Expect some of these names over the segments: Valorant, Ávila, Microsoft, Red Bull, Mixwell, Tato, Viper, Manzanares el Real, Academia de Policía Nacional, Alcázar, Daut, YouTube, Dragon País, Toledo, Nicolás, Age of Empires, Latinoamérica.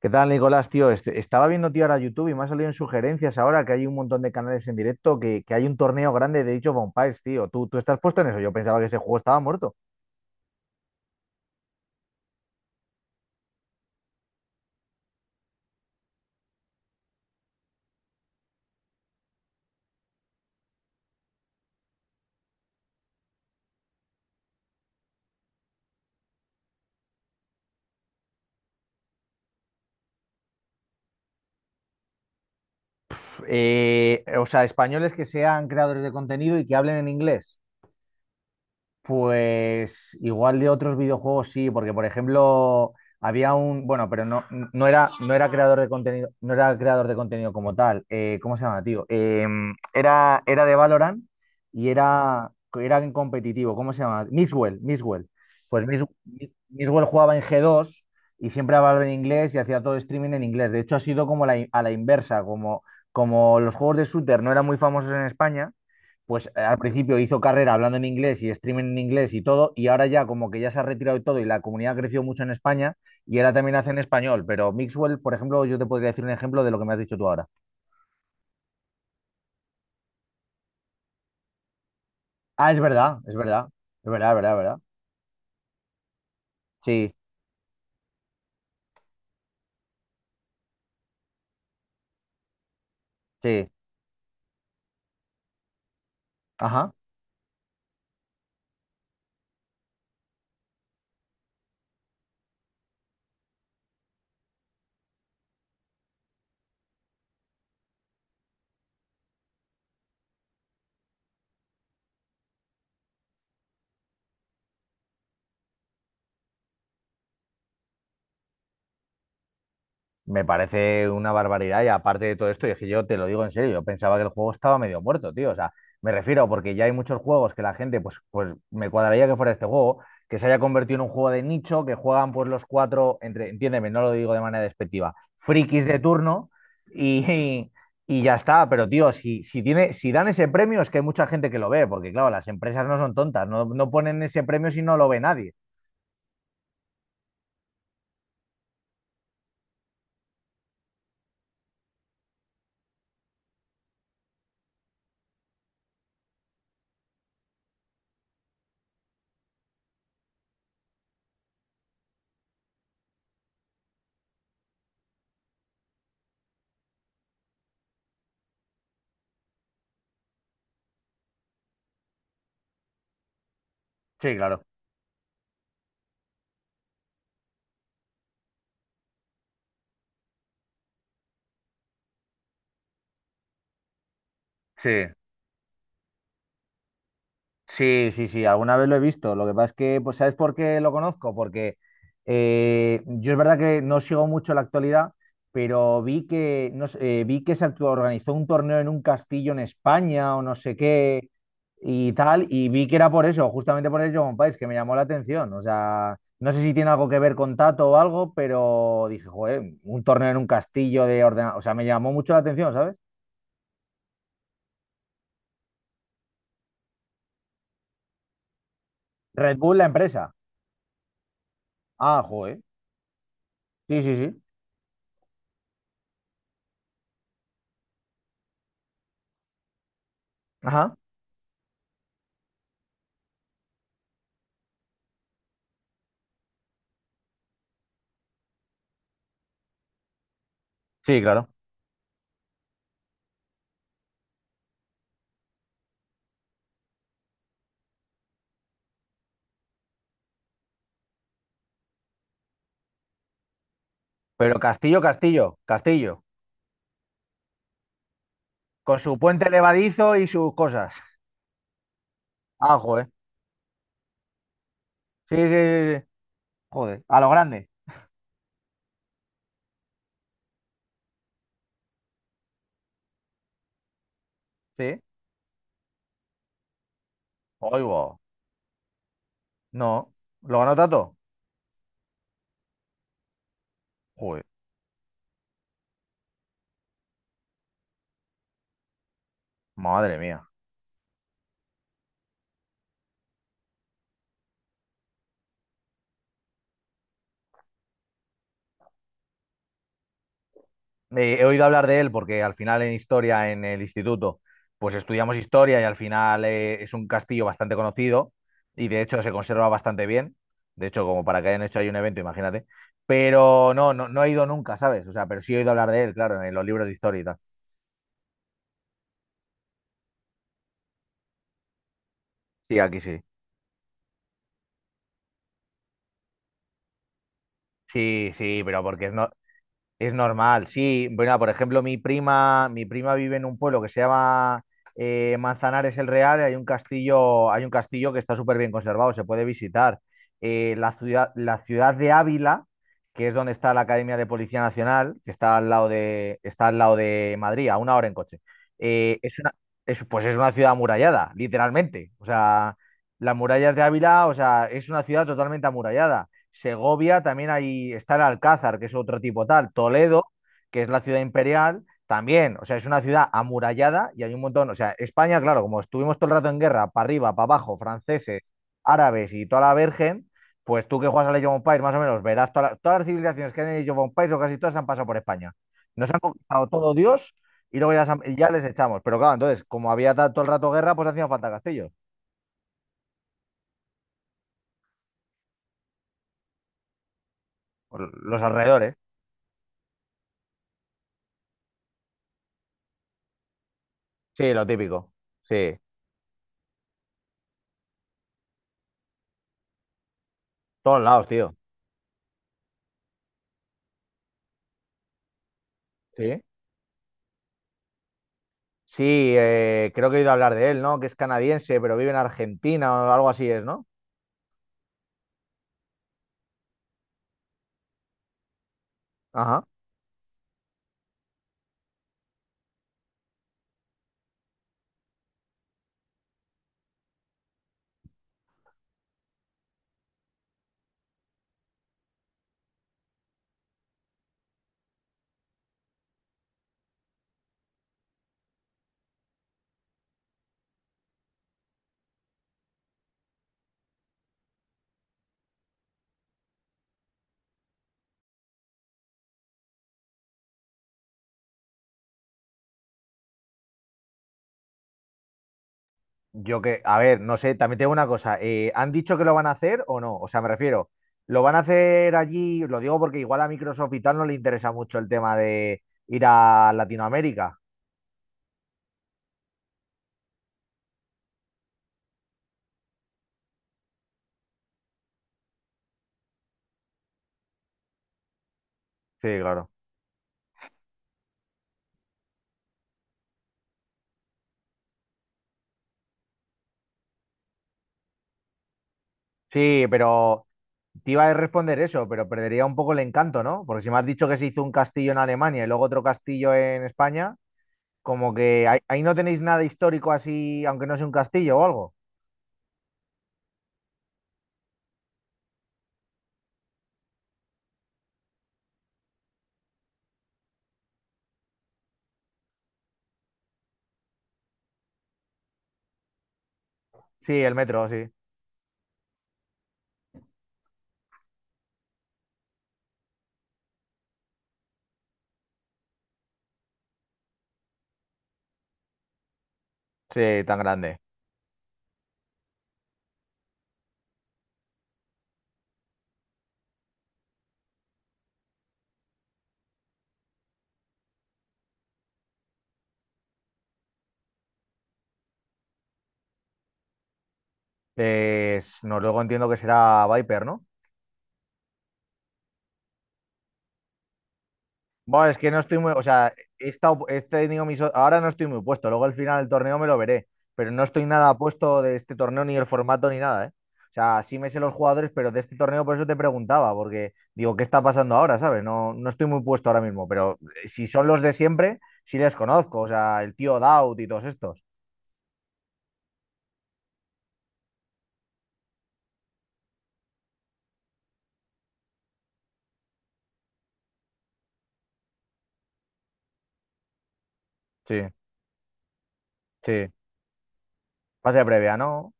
¿Qué tal, Nicolás, tío? Estaba viendo, tío, ahora YouTube y me ha salido en sugerencias ahora que hay un montón de canales en directo, que hay un torneo grande de dicho vampires, tío. ¿Tú estás puesto en eso? Yo pensaba que ese juego estaba muerto. O sea, españoles que sean creadores de contenido y que hablen en inglés. Pues igual de otros videojuegos sí, porque por ejemplo había un, bueno, pero no, no era creador de contenido, no era creador de contenido como tal. ¿Cómo se llama, tío? Era de Valorant y era, era en competitivo. ¿Cómo se llama? Mixwell, Mixwell. Pues Mix- Mixwell jugaba en G2 y siempre hablaba en inglés y hacía todo streaming en inglés. De hecho, ha sido como a la inversa, como, como los juegos de shooter no eran muy famosos en España pues al principio hizo carrera hablando en inglés y streaming en inglés y todo, y ahora ya como que ya se ha retirado y todo, y la comunidad ha crecido mucho en España, y ahora también hace en español, pero Mixwell, por ejemplo, yo te podría decir un ejemplo de lo que me has dicho tú ahora. Ah, es verdad, es verdad, es verdad, es verdad, es verdad. Sí, sí, ajá. Me parece una barbaridad y aparte de todo esto, y es que yo te lo digo en serio, yo pensaba que el juego estaba medio muerto, tío. O sea, me refiero porque ya hay muchos juegos que la gente, pues me cuadraría que fuera este juego, que se haya convertido en un juego de nicho, que juegan pues los cuatro, entre, entiéndeme, no lo digo de manera despectiva, frikis de turno y, y ya está. Pero, tío, tiene, si dan ese premio es que hay mucha gente que lo ve, porque claro, las empresas no son tontas, no ponen ese premio si no lo ve nadie. Sí, claro. Sí, sí, sí, sí, alguna vez lo he visto. Lo que pasa es que, pues, ¿sabes por qué lo conozco? Porque yo es verdad que no sigo mucho la actualidad, pero vi que, no sé, vi que organizó un torneo en un castillo en España o no sé qué y tal, y vi que era por eso, justamente por el Dragon País, que me llamó la atención. O sea, no sé si tiene algo que ver con Tato o algo, pero dije, joder, un torneo en un castillo de ordena... O sea, me llamó mucho la atención, ¿sabes? Red Bull, la empresa. Ah, joder. Sí, sí, sí. Ajá. Sí, claro. Pero Castillo, Castillo, Castillo. Con su puente levadizo y sus cosas. Ah, joder. Sí, sí, sí, sí. Joder. A lo grande. Sí. Oigo. No. ¿Lo ganó Tato? Joder. Madre mía. He oído hablar de él porque al final en historia, en el instituto, pues estudiamos historia y al final es un castillo bastante conocido y de hecho se conserva bastante bien. De hecho, como para que hayan hecho ahí un evento, imagínate. Pero no he ido nunca, ¿sabes? O sea, pero sí he oído hablar de él, claro, en los libros de historia y tal. Sí, aquí sí. Sí, sí, pero porque es, no, es normal. Sí, bueno, por ejemplo, mi prima vive en un pueblo que se llama Manzanares el Real, y hay un castillo que está súper bien conservado, se puede visitar. La ciudad de Ávila, que es donde está la Academia de Policía Nacional, que está al lado de, está al lado de Madrid, a una hora en coche. Eh, es una, es, pues es una ciudad amurallada, literalmente. O sea, las murallas de Ávila, o sea, es una ciudad totalmente amurallada. Segovia, también ahí está el Alcázar, que es otro tipo tal, Toledo, que es la ciudad imperial, también, o sea, es una ciudad amurallada y hay un montón, o sea, España, claro, como estuvimos todo el rato en guerra, para arriba, para abajo, franceses, árabes y toda la virgen, pues tú que juegas a Age of Empires, más o menos, verás todas las civilizaciones que hay en Age of Empires o casi todas han pasado por España. Nos han conquistado todo Dios y luego ya, y ya les echamos. Pero claro, entonces, como había todo el rato guerra, pues hacían falta castillos, por los alrededores. Sí, lo típico. Sí, todos lados, tío. Sí. Sí, creo que he oído hablar de él, ¿no? Que es canadiense, pero vive en Argentina o algo así es, ¿no? Ajá. Yo que, a ver, no sé, también tengo una cosa. ¿Han dicho que lo van a hacer o no? O sea, me refiero, ¿lo van a hacer allí? Lo digo porque igual a Microsoft y tal no le interesa mucho el tema de ir a Latinoamérica. Sí, claro. Sí, pero te iba a responder eso, pero perdería un poco el encanto, ¿no? Porque si me has dicho que se hizo un castillo en Alemania y luego otro castillo en España, como que ahí no tenéis nada histórico así, aunque no sea un castillo o algo. Sí, el metro, sí. Sí, tan grande. Pues, no, luego entiendo que será Viper, ¿no? Bueno, es que no estoy muy, o sea, he estado, he tenido mis, ahora no estoy muy puesto, luego al final del torneo me lo veré, pero no estoy nada puesto de este torneo, ni el formato, ni nada, ¿eh? O sea, sí me sé los jugadores, pero de este torneo por eso te preguntaba, porque digo, ¿qué está pasando ahora, sabes? No estoy muy puesto ahora mismo, pero si son los de siempre, sí les conozco, o sea, el tío Daut y todos estos. Sí, sí. Fase previa, ¿no?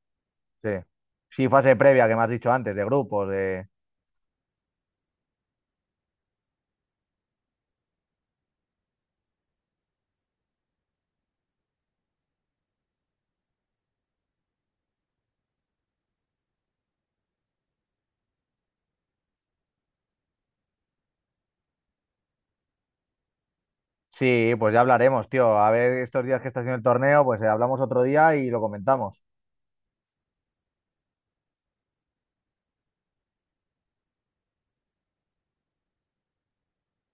Sí. Sí, fase previa que me has dicho antes, de grupos, de... Sí, pues ya hablaremos, tío. A ver, estos días que está haciendo el torneo, pues hablamos otro día y lo comentamos.